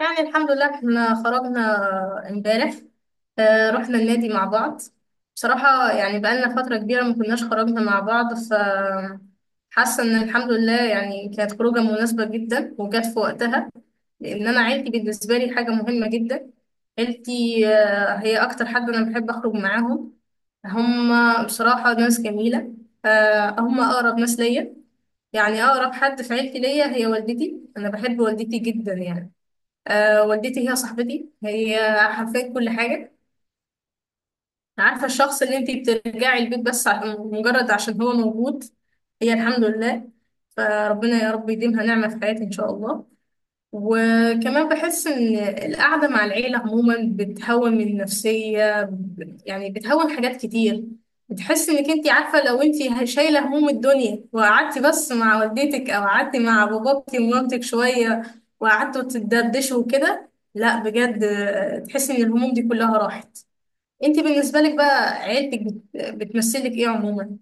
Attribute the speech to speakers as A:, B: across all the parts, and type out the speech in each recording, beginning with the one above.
A: يعني الحمد لله احنا خرجنا امبارح. رحنا النادي مع بعض. بصراحة يعني بقالنا فترة كبيرة ما كناش خرجنا مع بعض، حاسة ان الحمد لله يعني كانت خروجة مناسبة جدا وجت في وقتها، لان انا عيلتي بالنسبة لي حاجة مهمة جدا. عيلتي هي اكتر حد انا بحب اخرج معاهم. هم بصراحة ناس جميلة. هم اقرب ناس ليا. يعني اقرب حد في عيلتي ليا هي والدتي، انا بحب والدتي جدا يعني. أه والدتي هي صاحبتي، هي حرفيا كل حاجة. عارفة الشخص اللي انتي بترجعي البيت بس مجرد عشان هو موجود؟ هي الحمد لله. فربنا يا رب يديمها نعمة في حياتي إن شاء الله. وكمان بحس إن القعدة مع العيلة عموما بتهون من النفسية، يعني بتهون حاجات كتير. بتحس إنك أنت عارفة، لو أنت شايلة هموم الدنيا وقعدتي بس مع والدتك أو قعدتي مع باباكي ومامتك شوية وقعدتوا تدردشوا وكده، لا بجد تحس إن الهموم دي كلها راحت. أنت بالنسبة لك بقى عيلتك بتمثلك إيه عموما؟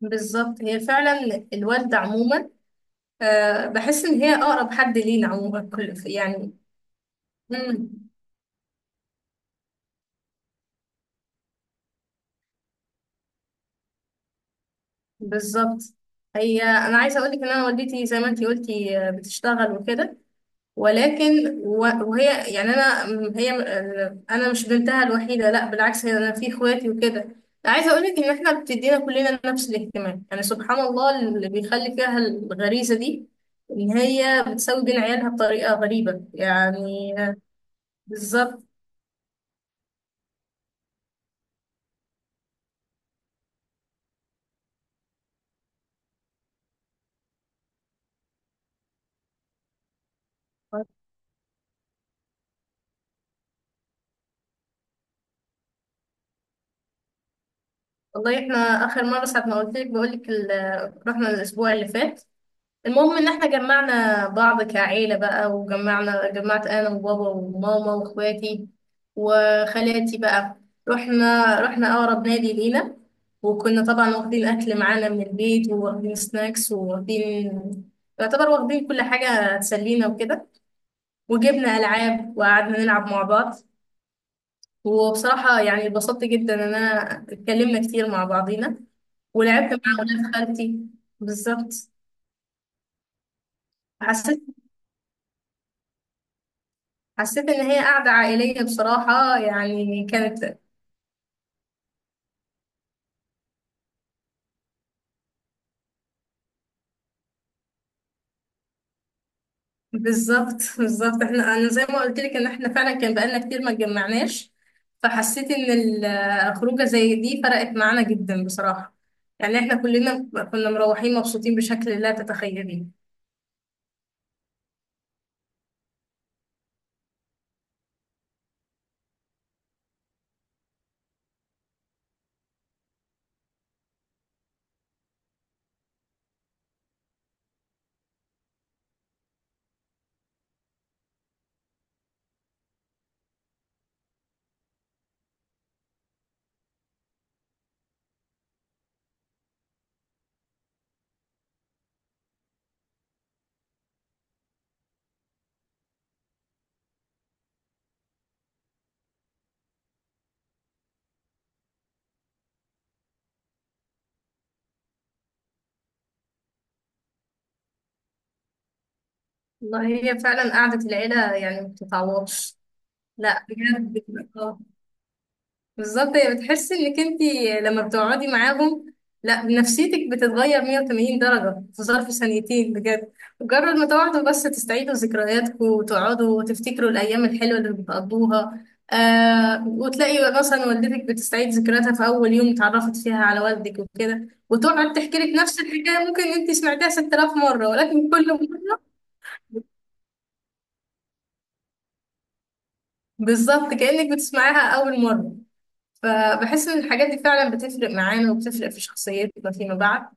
A: بالظبط هي فعلا الوالدة عموما. أه بحس إن هي أقرب حد لينا عموما، كل يعني. مم. بالظبط. هي انا عايزه اقول لك ان انا والدتي زي ما انتي قلتي بتشتغل وكده. ولكن وهي يعني انا م- هي م- آه، انا مش بنتها الوحيده، لا بالعكس، هي انا في اخواتي وكده. عايزه اقول لك ان احنا بتدينا كلنا نفس الاهتمام، يعني سبحان الله اللي بيخلي فيها الغريزه دي، ان هي بتساوي بين عيالها بطريقه غريبه يعني بالظبط. والله احنا اخر مره ساعه ما قلت لك بقول لك رحنا الاسبوع اللي فات. المهم ان احنا جمعنا بعض كعيلة بقى، جمعت انا وبابا وماما واخواتي وخالاتي بقى. رحنا اقرب نادي لينا. وكنا طبعا واخدين اكل معانا من البيت وواخدين سناكس وواخدين يعتبر واخدين كل حاجة تسلينا وكده. وجبنا العاب وقعدنا نلعب مع بعض. وبصراحة يعني اتبسطت جدا ان انا اتكلمنا كتير مع بعضينا ولعبت مع ولاد خالتي. بالظبط. حسيت حسيت ان هي قعده عائليه بصراحه، يعني كانت بالظبط احنا، انا زي ما قلت لك ان احنا فعلا كان بقالنا كتير ما اتجمعناش. فحسيت ان الخروجه زي دي فرقت معانا جدا بصراحه. يعني احنا كلنا كنا مروحين مبسوطين بشكل لا تتخيليه. والله هي فعلا قعده العيله يعني ما بتتعوضش. لا بجد. بالظبط. هي بتحسي انك انت لما بتقعدي معاهم، لا نفسيتك بتتغير 180 درجة في ظرف ثانيتين بجد. مجرد ما تقعدوا بس تستعيدوا ذكرياتكم وتقعدوا وتفتكروا الأيام الحلوة اللي بتقضوها. آه، وتلاقي مثلا والدتك بتستعيد ذكرياتها في أول يوم اتعرفت فيها على والدك وكده، وتقعد تحكي لك نفس الحكاية، ممكن انت سمعتها 6000 مرة ولكن كل مرة بالظبط كأنك بتسمعيها أول مرة. فبحس إن الحاجات دي فعلا بتفرق معانا وبتفرق في شخصيتنا فيما بعد.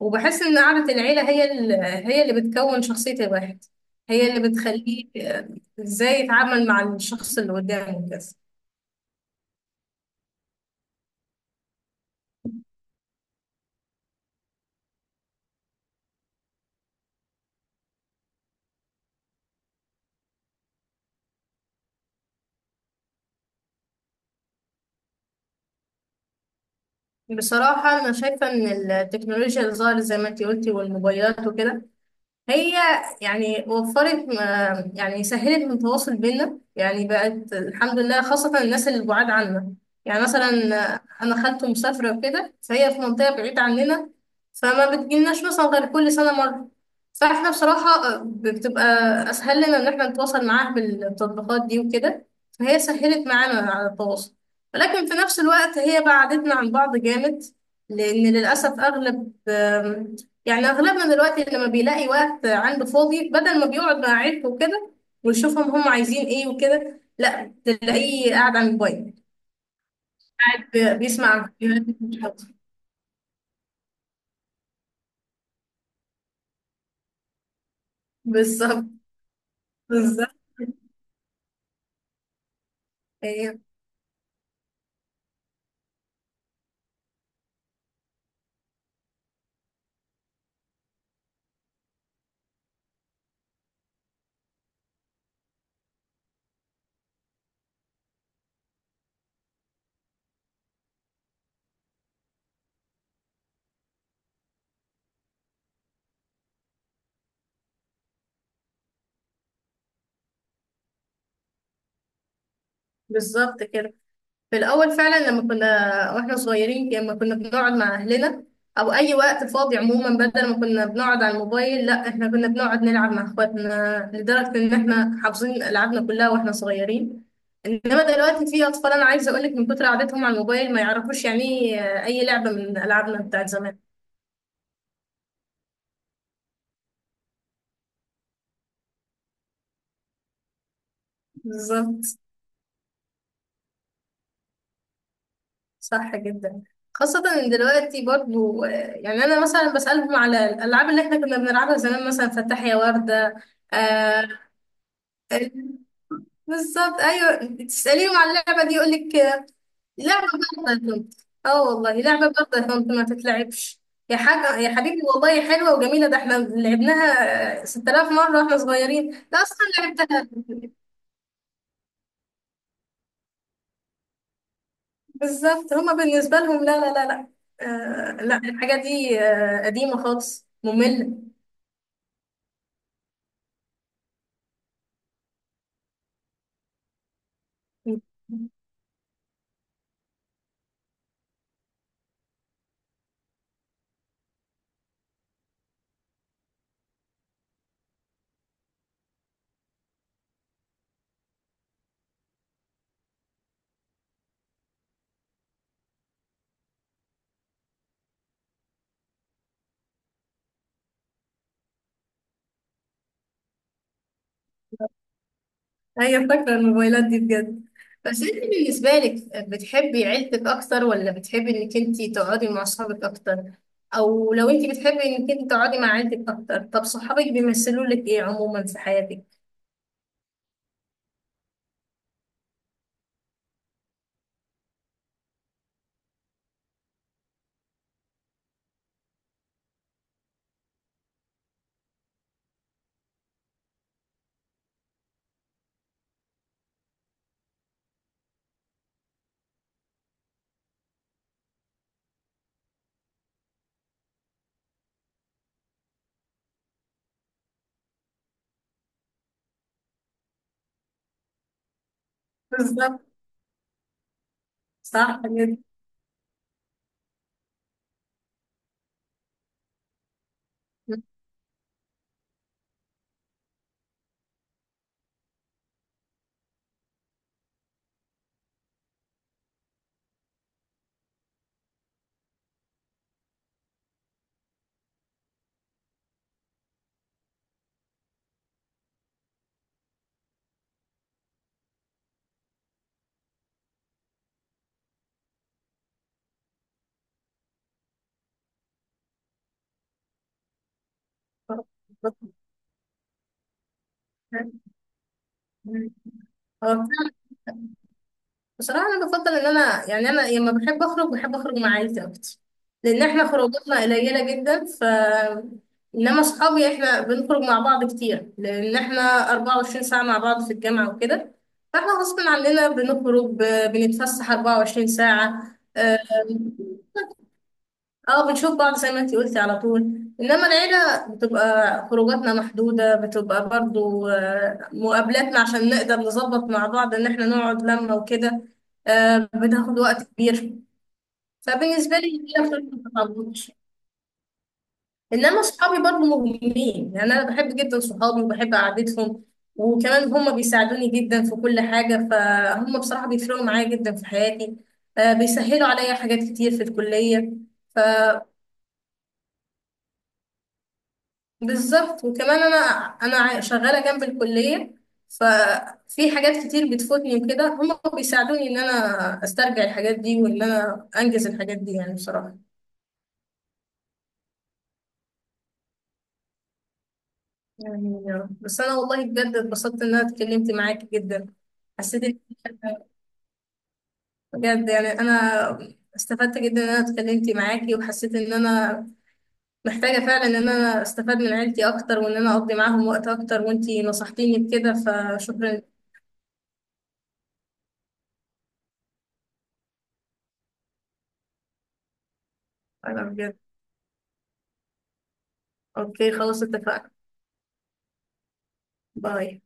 A: وبحس ان قعدة العيلة هي اللي بتكون شخصية الواحد. هي اللي بتخليه ازاي يتعامل مع الشخص اللي قدامه كده. بصراحة أنا شايفة إن التكنولوجيا اللي ظهرت زي ما أنتي قلتي والموبايلات وكده، هي يعني وفرت يعني سهلت من التواصل بينا، يعني بقت الحمد لله خاصة الناس اللي بعاد عنا. يعني مثلا أنا خالته مسافرة وكده، فهي في منطقة بعيدة عننا، فما بتجيلناش مثلا غير كل سنة مرة. فاحنا بصراحة بتبقى أسهل لنا إن احنا نتواصل معاها بالتطبيقات دي وكده. فهي سهلت معانا على التواصل، ولكن في نفس الوقت هي بعدتنا عن بعض جامد. لأن للأسف أغلب يعني اغلبنا دلوقتي لما بيلاقي وقت عنده فاضي، بدل ما بيقعد مع عيلته وكده ويشوفهم هم عايزين ايه وكده، لا تلاقيه قاعد على الموبايل. قاعد بيسمع فيديوهات. بالظبط. بالظبط ايه. بالظبط كده. في الأول فعلا لما كنا واحنا صغيرين، لما كنا بنقعد مع أهلنا أو أي وقت فاضي عموما، بدل ما كنا بنقعد على الموبايل، لا احنا كنا بنقعد نلعب مع اخواتنا، لدرجة إن احنا حافظين ألعابنا كلها واحنا صغيرين. إنما دلوقتي في أطفال، أنا عايزة أقولك من كتر قعدتهم على الموبايل ما يعرفوش يعني إيه أي لعبة من ألعابنا بتاعت زمان. بالظبط. صح جدا. خاصة إن دلوقتي برضو يعني أنا مثلا بسألهم على الألعاب اللي احنا كنا بنلعبها زمان، مثلا فتح يا وردة. آه. بالظبط، ايوه. تساليهم على اللعبه دي يقول لك لعبه برضه يا طنط؟ اه والله لعبه برضه يا طنط ما تتلعبش، يا حاجه يا حبيبي والله حلوه وجميله، ده احنا لعبناها 6000 مره واحنا صغيرين، ده اصلا لعبتها. بالظبط. هما بالنسبه لهم، لا لا لا لا، آه لا الحاجه دي آه قديمه خالص ممله. ايوه فاكره الموبايلات دي بجد. بس انت بالنسبه لك بتحبي عيلتك اكتر ولا بتحبي انك انت تقعدي مع اصحابك اكتر؟ او لو انت بتحبي انك انت تقعدي مع عيلتك اكتر، طب صحابك بيمثلوا لك ايه عموما في حياتك؟ بالظبط. صح جدا. اه، بصراحة أنا بفضل إن أنا يعني أنا لما بحب أخرج بحب أخرج مع عيلتي أكتر، لأن إحنا خروجاتنا قليلة جدا. إنما أصحابي، إحنا بنخرج مع بعض كتير لأن إحنا 24 ساعة مع بعض في الجامعة وكده. فإحنا غصب عننا بنخرج بنتفسح 24 ساعة. اه بنشوف بعض زي ما انتي قلتي على طول. انما العيلة بتبقى خروجاتنا محدودة، بتبقى برضو مقابلاتنا عشان نقدر نظبط مع بعض ان احنا نقعد لما وكده. بناخد وقت كبير. فبالنسبة لي العيلة بصراحة ما بتعوضش. انما صحابي برضو مهمين، يعني انا بحب جدا صحابي وبحب قعدتهم. وكمان هم بيساعدوني جدا في كل حاجة، فهم بصراحة بيفرقوا معايا جدا في حياتي. بيسهلوا عليا حاجات كتير في الكلية. ف بالظبط. وكمان انا، شغاله جنب الكليه. ففي حاجات كتير بتفوتني وكده، هم بيساعدوني ان انا استرجع الحاجات دي وان انا انجز الحاجات دي يعني بصراحه. يعني يا رب. بس انا والله بجد اتبسطت ان انا اتكلمت معاكي جدا. حسيت ان بجد يعني انا استفدت جدا ان انا اتكلمت معاكي، وحسيت ان انا محتاجه فعلا ان انا استفاد من عيلتي اكتر وان انا اقضي معاهم وقت اكتر، وانتي نصحتيني بكده، فشكرا. انا بجد. اوكي خلاص اتفقنا. باي.